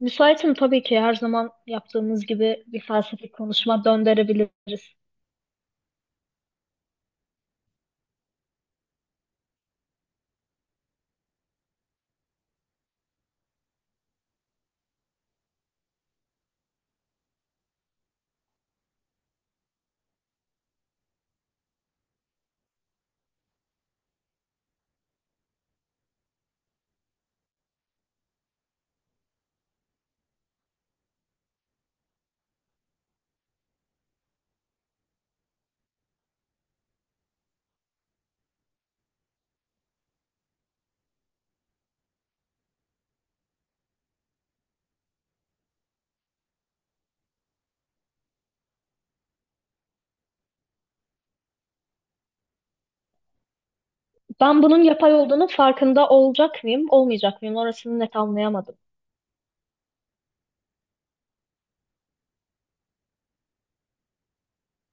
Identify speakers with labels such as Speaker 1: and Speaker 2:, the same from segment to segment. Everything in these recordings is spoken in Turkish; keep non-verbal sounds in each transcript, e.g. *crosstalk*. Speaker 1: Müsaitim tabii ki, her zaman yaptığımız gibi bir felsefi konuşma döndürebiliriz. Ben bunun yapay olduğunun farkında olacak mıyım, olmayacak mıyım? Orasını net anlayamadım.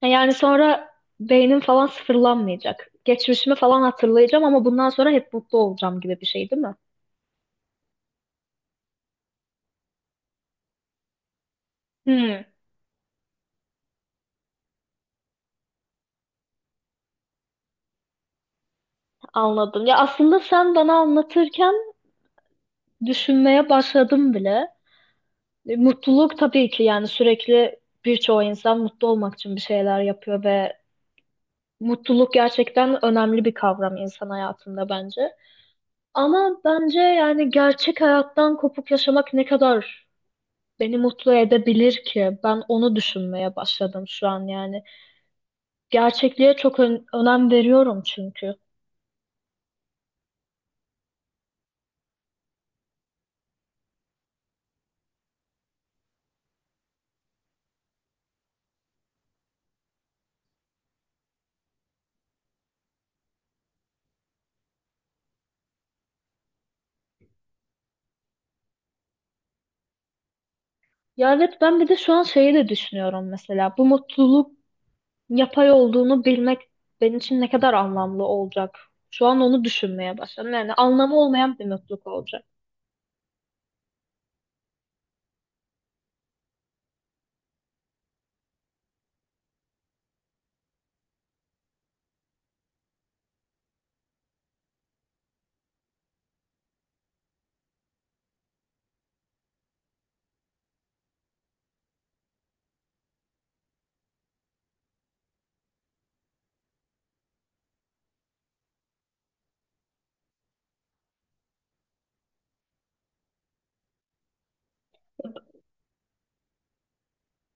Speaker 1: Ha, yani sonra beynim falan sıfırlanmayacak. Geçmişimi falan hatırlayacağım ama bundan sonra hep mutlu olacağım gibi bir şey değil mi? Hmm, anladım. Ya aslında sen bana anlatırken düşünmeye başladım bile. Mutluluk tabii ki, yani sürekli birçoğu insan mutlu olmak için bir şeyler yapıyor ve mutluluk gerçekten önemli bir kavram insan hayatında bence. Ama bence yani gerçek hayattan kopuk yaşamak ne kadar beni mutlu edebilir ki? Ben onu düşünmeye başladım şu an yani. Gerçekliğe çok önem veriyorum çünkü. Ya evet, ben bir de şu an şeyi de düşünüyorum mesela. Bu mutluluk yapay olduğunu bilmek benim için ne kadar anlamlı olacak? Şu an onu düşünmeye başladım. Yani anlamı olmayan bir mutluluk olacak.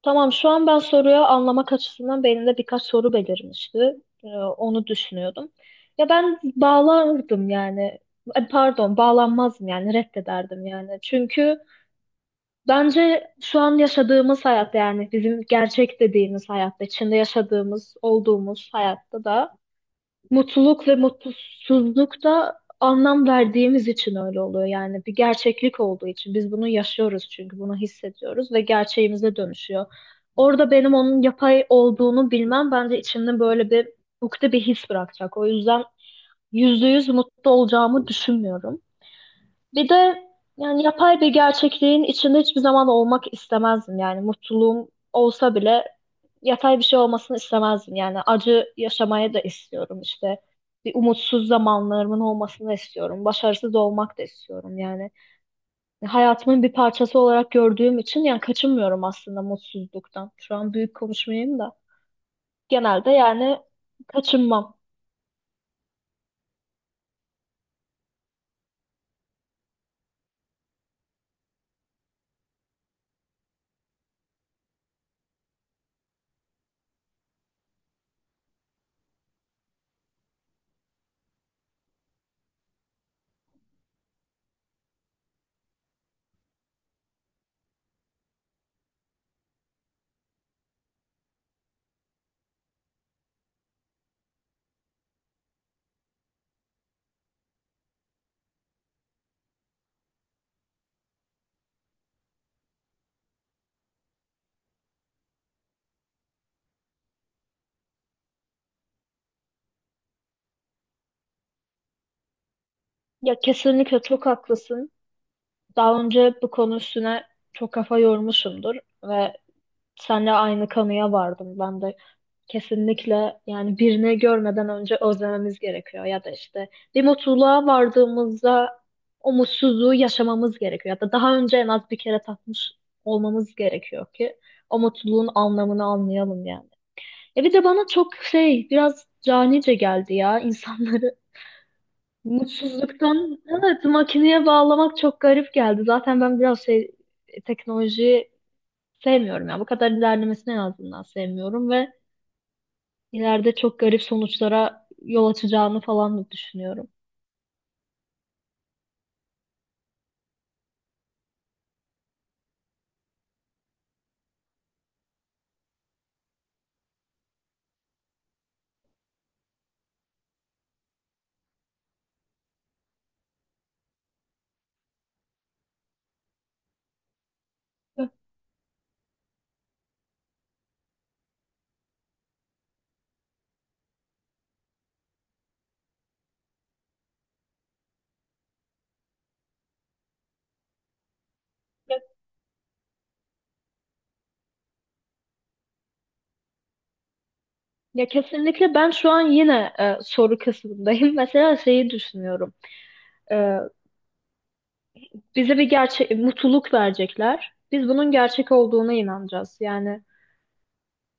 Speaker 1: Tamam, şu an ben soruyu anlamak açısından beynimde birkaç soru belirmişti. Onu düşünüyordum. Ya ben bağlardım yani. Ay, pardon, bağlanmazdım yani, reddederdim yani. Çünkü bence şu an yaşadığımız hayatta, yani bizim gerçek dediğimiz hayatta, içinde yaşadığımız, olduğumuz hayatta da mutluluk ve mutsuzluk da anlam verdiğimiz için öyle oluyor. Yani bir gerçeklik olduğu için biz bunu yaşıyoruz, çünkü bunu hissediyoruz ve gerçeğimize dönüşüyor. Orada benim onun yapay olduğunu bilmem bence içimde böyle bir ukde, bir his bırakacak. O yüzden yüzde yüz mutlu olacağımı düşünmüyorum. Bir de yani yapay bir gerçekliğin içinde hiçbir zaman olmak istemezdim. Yani mutluluğum olsa bile yatay bir şey olmasını istemezdim. Yani acı yaşamaya da istiyorum işte. Bir umutsuz zamanlarımın olmasını istiyorum. Başarısız olmak da istiyorum yani. Hayatımın bir parçası olarak gördüğüm için yani kaçınmıyorum aslında mutsuzluktan. Şu an büyük konuşmayayım da. Genelde yani kaçınmam. Ya kesinlikle çok haklısın. Daha önce bu konu üstüne çok kafa yormuşumdur ve seninle aynı kanıya vardım ben de. Kesinlikle yani, birini görmeden önce özlememiz gerekiyor ya da işte bir mutluluğa vardığımızda o mutsuzluğu yaşamamız gerekiyor ya da daha önce en az bir kere tatmış olmamız gerekiyor ki o mutluluğun anlamını anlayalım yani. E bir de bana çok şey, biraz canice geldi ya, insanları *laughs* mutsuzluktan, evet, makineye bağlamak çok garip geldi. Zaten ben biraz şey, teknolojiyi sevmiyorum ya, bu kadar ilerlemesine en azından sevmiyorum ve ileride çok garip sonuçlara yol açacağını falan da düşünüyorum. Ya, ya- ya kesinlikle ben şu an yine soru kısmındayım. *laughs* Mesela şeyi düşünüyorum. E, bize bir gerçek mutluluk verecekler. Biz bunun gerçek olduğuna inanacağız. Yani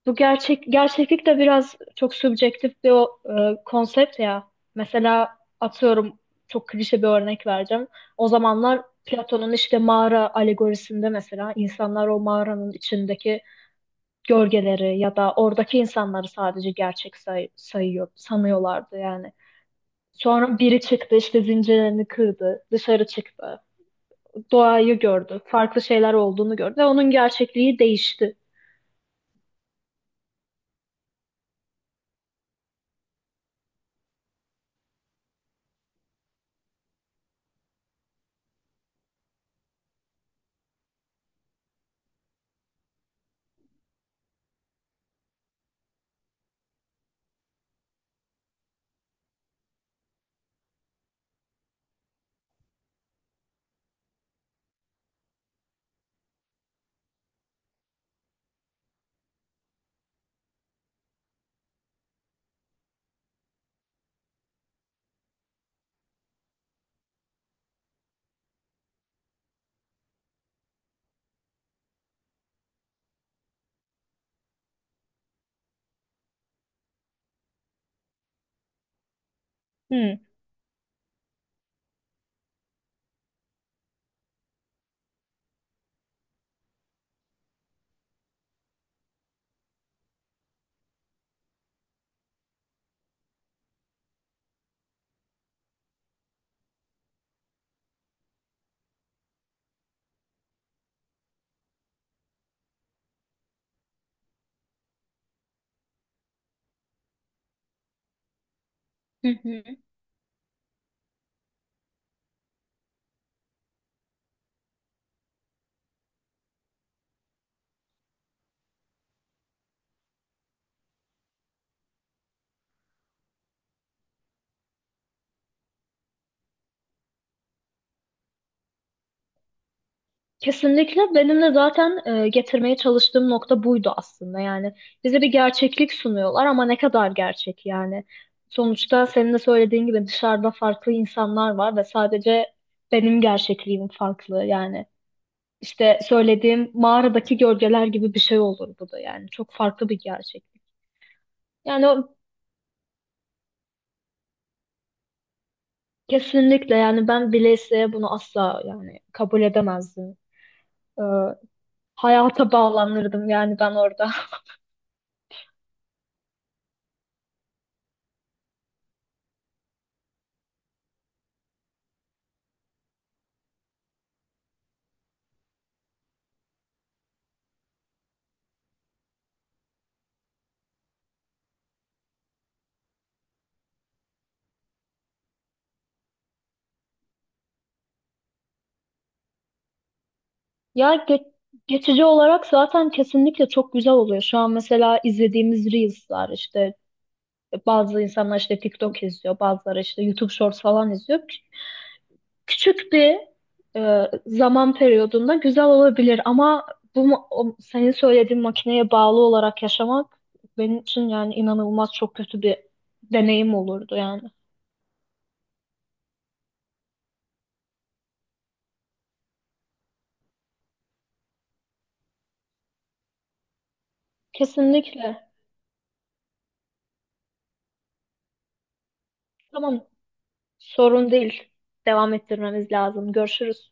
Speaker 1: bu gerçek gerçeklik de biraz çok subjektif bir konsept ya. Mesela atıyorum, çok klişe bir örnek vereceğim. O zamanlar Platon'un işte mağara alegorisinde mesela insanlar o mağaranın içindeki gölgeleri ya da oradaki insanları sadece gerçek sayıyor, sanıyorlardı yani. Sonra biri çıktı, işte zincirlerini kırdı, dışarı çıktı, doğayı gördü, farklı şeyler olduğunu gördü ve onun gerçekliği değişti. Hmm. Hı hı. Kesinlikle benim de zaten getirmeye çalıştığım nokta buydu aslında. Yani bize bir gerçeklik sunuyorlar ama ne kadar gerçek yani. Sonuçta senin de söylediğin gibi dışarıda farklı insanlar var ve sadece benim gerçekliğim farklı yani. İşte söylediğim mağaradaki gölgeler gibi bir şey olur bu da yani. Çok farklı bir gerçeklik. Yani o kesinlikle yani, ben bile isteye bunu asla yani kabul edemezdim. Ee, hayata bağlanırdım yani ben orada. *laughs* Ya geçici olarak zaten kesinlikle çok güzel oluyor. Şu an mesela izlediğimiz Reels'lar işte, bazı insanlar işte TikTok izliyor, bazıları işte YouTube Shorts falan izliyor. Küçük bir zaman periyodunda güzel olabilir ama bu senin söylediğin makineye bağlı olarak yaşamak benim için yani inanılmaz çok kötü bir deneyim olurdu yani. Kesinlikle. Tamam, sorun değil. Devam ettirmemiz lazım. Görüşürüz.